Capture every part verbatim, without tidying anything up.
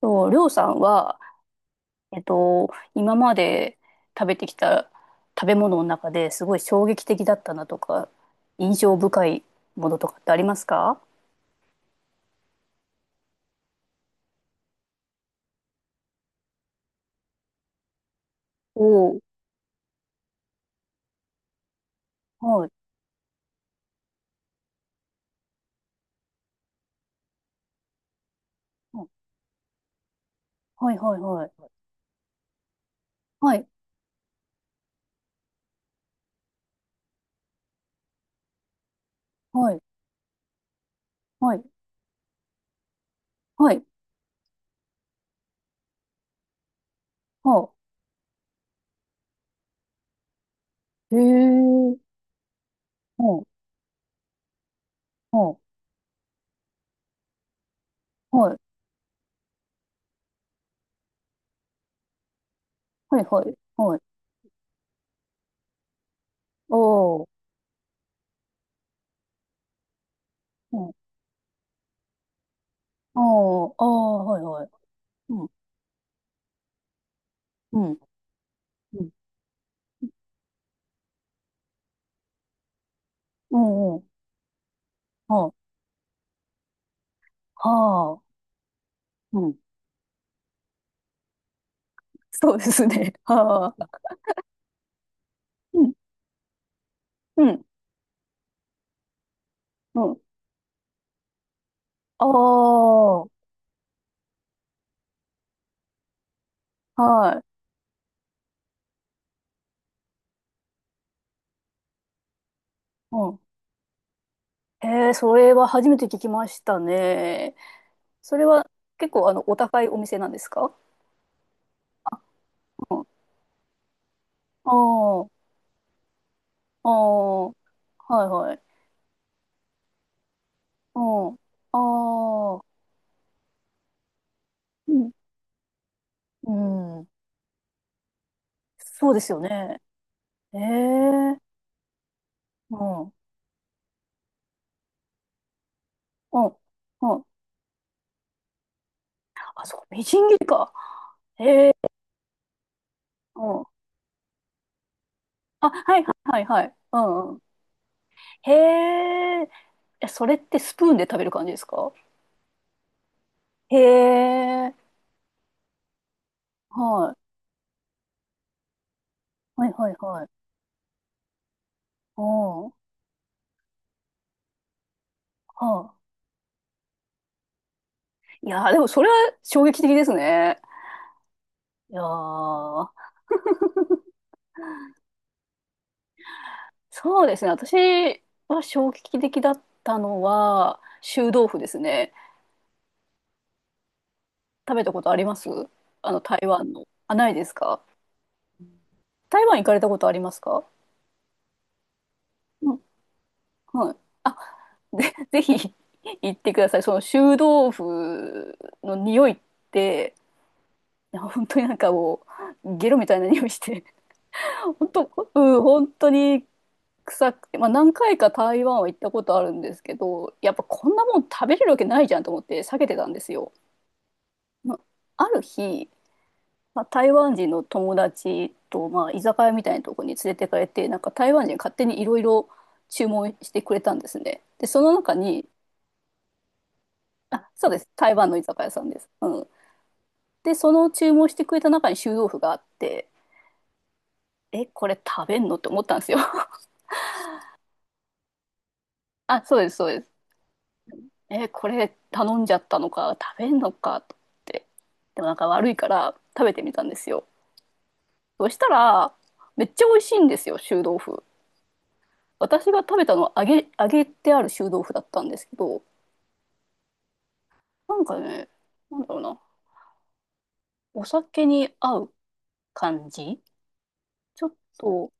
と、りょうさんは、えっと、今まで食べてきた食べ物の中ですごい衝撃的だったなとか、印象深いものとかってありますか？おおー。はい。はいはいはい。はい。はい。はい。はい。はい。へえ。はい。はい。はい。はい。はい。はい。おー。うん。おー。あー。はい。はい。うん。うん。うん。うん。うん。はあ。はあ。うん。そうですね。はあ。うん。うん。うん。ああ、はい。うん。へえ、それは初めて聞きましたね。それは結構あの、お高いお店なんですか？うん。ああ、ああ、はいはい。うん。ああ、うん。うん。そうですよね。ええ、うん。うん。うん。あ、そう、みじん切りか。へえ、うん。あ、はいはいはいはい。うんうん。へえ、えそれってスプーンで食べる感じですか？へえ、はい。はいはいはい。おう。はあ、いやー、でもそれは衝撃的ですね。いやー、そうですね。私は衝撃的だったのは、臭豆腐ですね。食べたことあります？あの、台湾の。あ、ないですか？台湾行かれたことありますか？うん。はい。あ、で、ぜひ 行ってください。その臭豆腐の匂いって、いや本当になんかもう、ゲロみたいな匂いして、本当、うん、本当に臭くて、まあ、何回か台湾は行ったことあるんですけどやっぱこんなもん食べれるわけないじゃんと思って避けてたんですよ。まあ、ある日、まあ、台湾人の友達と、まあ、居酒屋みたいなところに連れてかれてなんか台湾人勝手にいろいろ注文してくれたんですね。でその中に、あ、そうです、台湾の居酒屋さんです。うん、でその注文してくれた中に臭豆腐があって、えこれ食べんのって思ったんですよ。あ、そうです、そうです。え、これ頼んじゃったのか、食べんのかと思って。でもなんか悪いから食べてみたんですよ。そしたら、めっちゃ美味しいんですよ、臭豆腐。私が食べたのは揚げ、揚げてある臭豆腐だったんですけど、なんかね、なんだろうな、お酒に合う感じ、ちょっと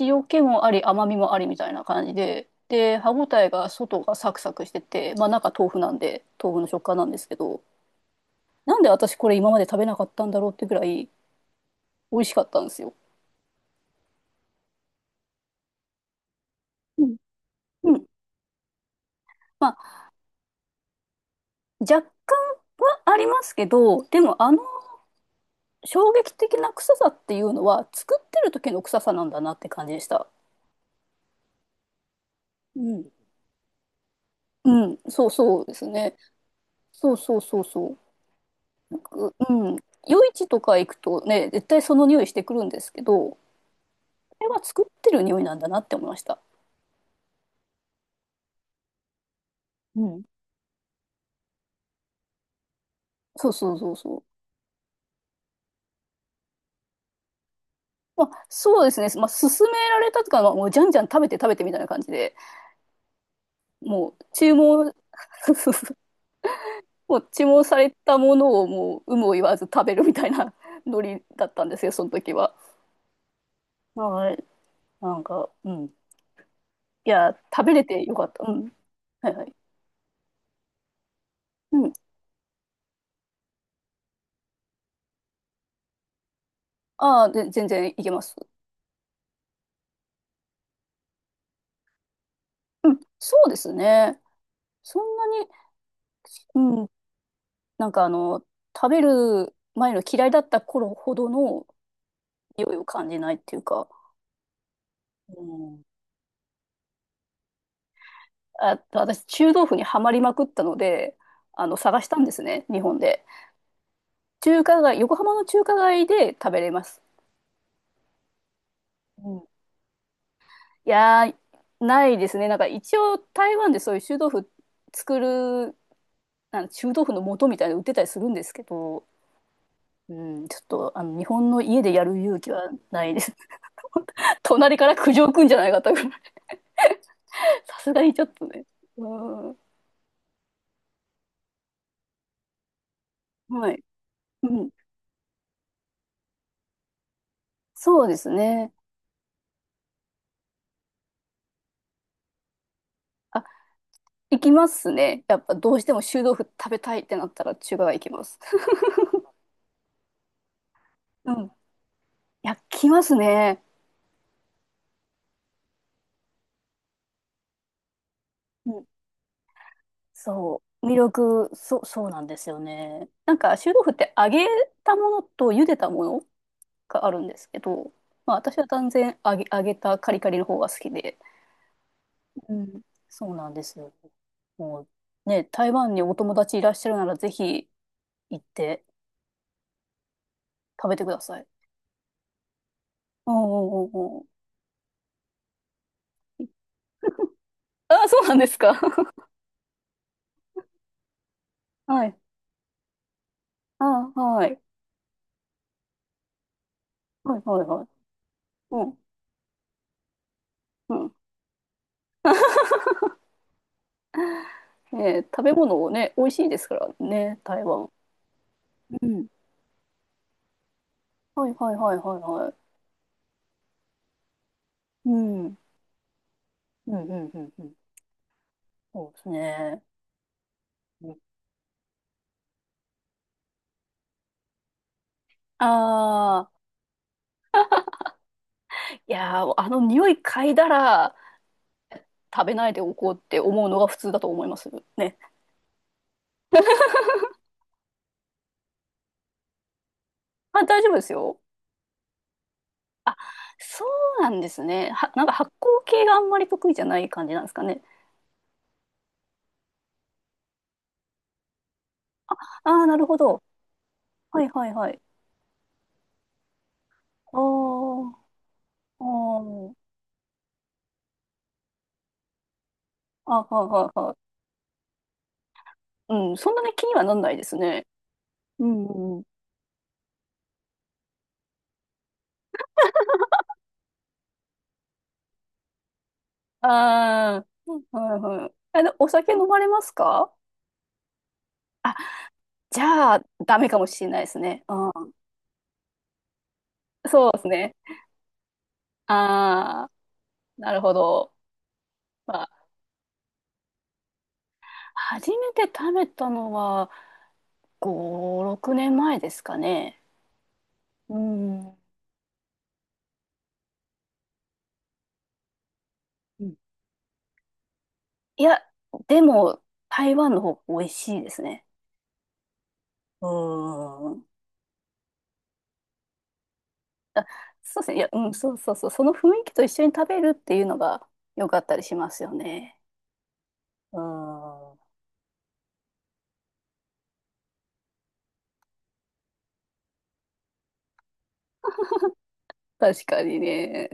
塩気もあり、甘みもありみたいな感じで、で、歯ごたえが外がサクサクしてて、まあ中豆腐なんで、豆腐の食感なんですけど、なんで私これ今まで食べなかったんだろうってぐらい美味しかったんですよ。うん。うん、まあ、若干はありますけど、でもあの衝撃的な臭さっていうのは、作ってる時の臭さなんだなって感じでした。うん。うん、そうそうですね。そうそうそうそう。ううん。夜市とか行くとね、絶対その匂いしてくるんですけど、これは作ってる匂いなんだなって思いました。うん。そうそうそうそう。まあ、そうですね。まあ、勧められたとか、まあもうじゃんじゃん食べて食べてみたいな感じで、もう注文、こう注文されたものをもう有無を言わず食べるみたいな ノリだったんですよ、その時は。はい。なんか、うん。いや、食べれてよかった。うん。はいはい。うん。ああ、で、全然いけます。うん。そうですね。そんなに、うん。なんかあの、食べる前の嫌いだった頃ほどの匂いを感じないっていうか、うん。あ、私、中豆腐にはまりまくったので、あの、探したんですね、日本で。中華街、横浜の中華街で食べれます。うん、いやー、ないですね。なんか一応台湾でそういう臭豆腐作る、なん臭豆腐の素みたいなの売ってたりするんですけど、うん、ちょっとあの日本の家でやる勇気はないです。隣から苦情くんじゃないかと さすがにちょっとね。うん、はい。うん、そうですね。あ、行きますね。やっぱどうしても臭豆腐食べたいってなったら中華街行きます。うん。いや、来ますね。うん、そう、魅力、そう、そうなんですよね。なんか、臭豆腐って揚げたものと茹でたものがあるんですけど、まあ、私は断然揚げ、揚げたカリカリの方が好きで、うん、そうなんですよ。もう、ね、台湾にお友達いらっしゃるなら、ぜひ行って食べてください。お、うんうんうんうん。あ、そうなんですか。はい。あ、はい。はいはいはい。うん。うん。ね、食べ物をね、美味しいですからね、台湾。うん。はいはいはいはいはい。うん。うん、うん、うん、うん。そうですね。ああー、いやー、あの匂い嗅いだら食べないでおこうって思うのが普通だと思います。ね。まあ、大丈夫ですよ。あ、そうなんですね。は、なんか発酵系があんまり得意じゃない感じなんですかね。ああ、なるほど。はいはいはい。あーあー、あ、はいはいはい。うん、そんなに気にはなんないですね。うんうん。ああ、はいはい。あの、お酒飲まれますか？あ、じゃあ、ダメかもしれないですね。うん。そうですね。ああ、なるほど。まあ、初めて食べたのは、ご、ろくねんまえですかね。うん。うん、いや、でも、台湾の方が美味しいですね。うん。そうですね。いや、うん、そうそうそう。その雰囲気と一緒に食べるっていうのが良かったりしますよね。うん。確かにね。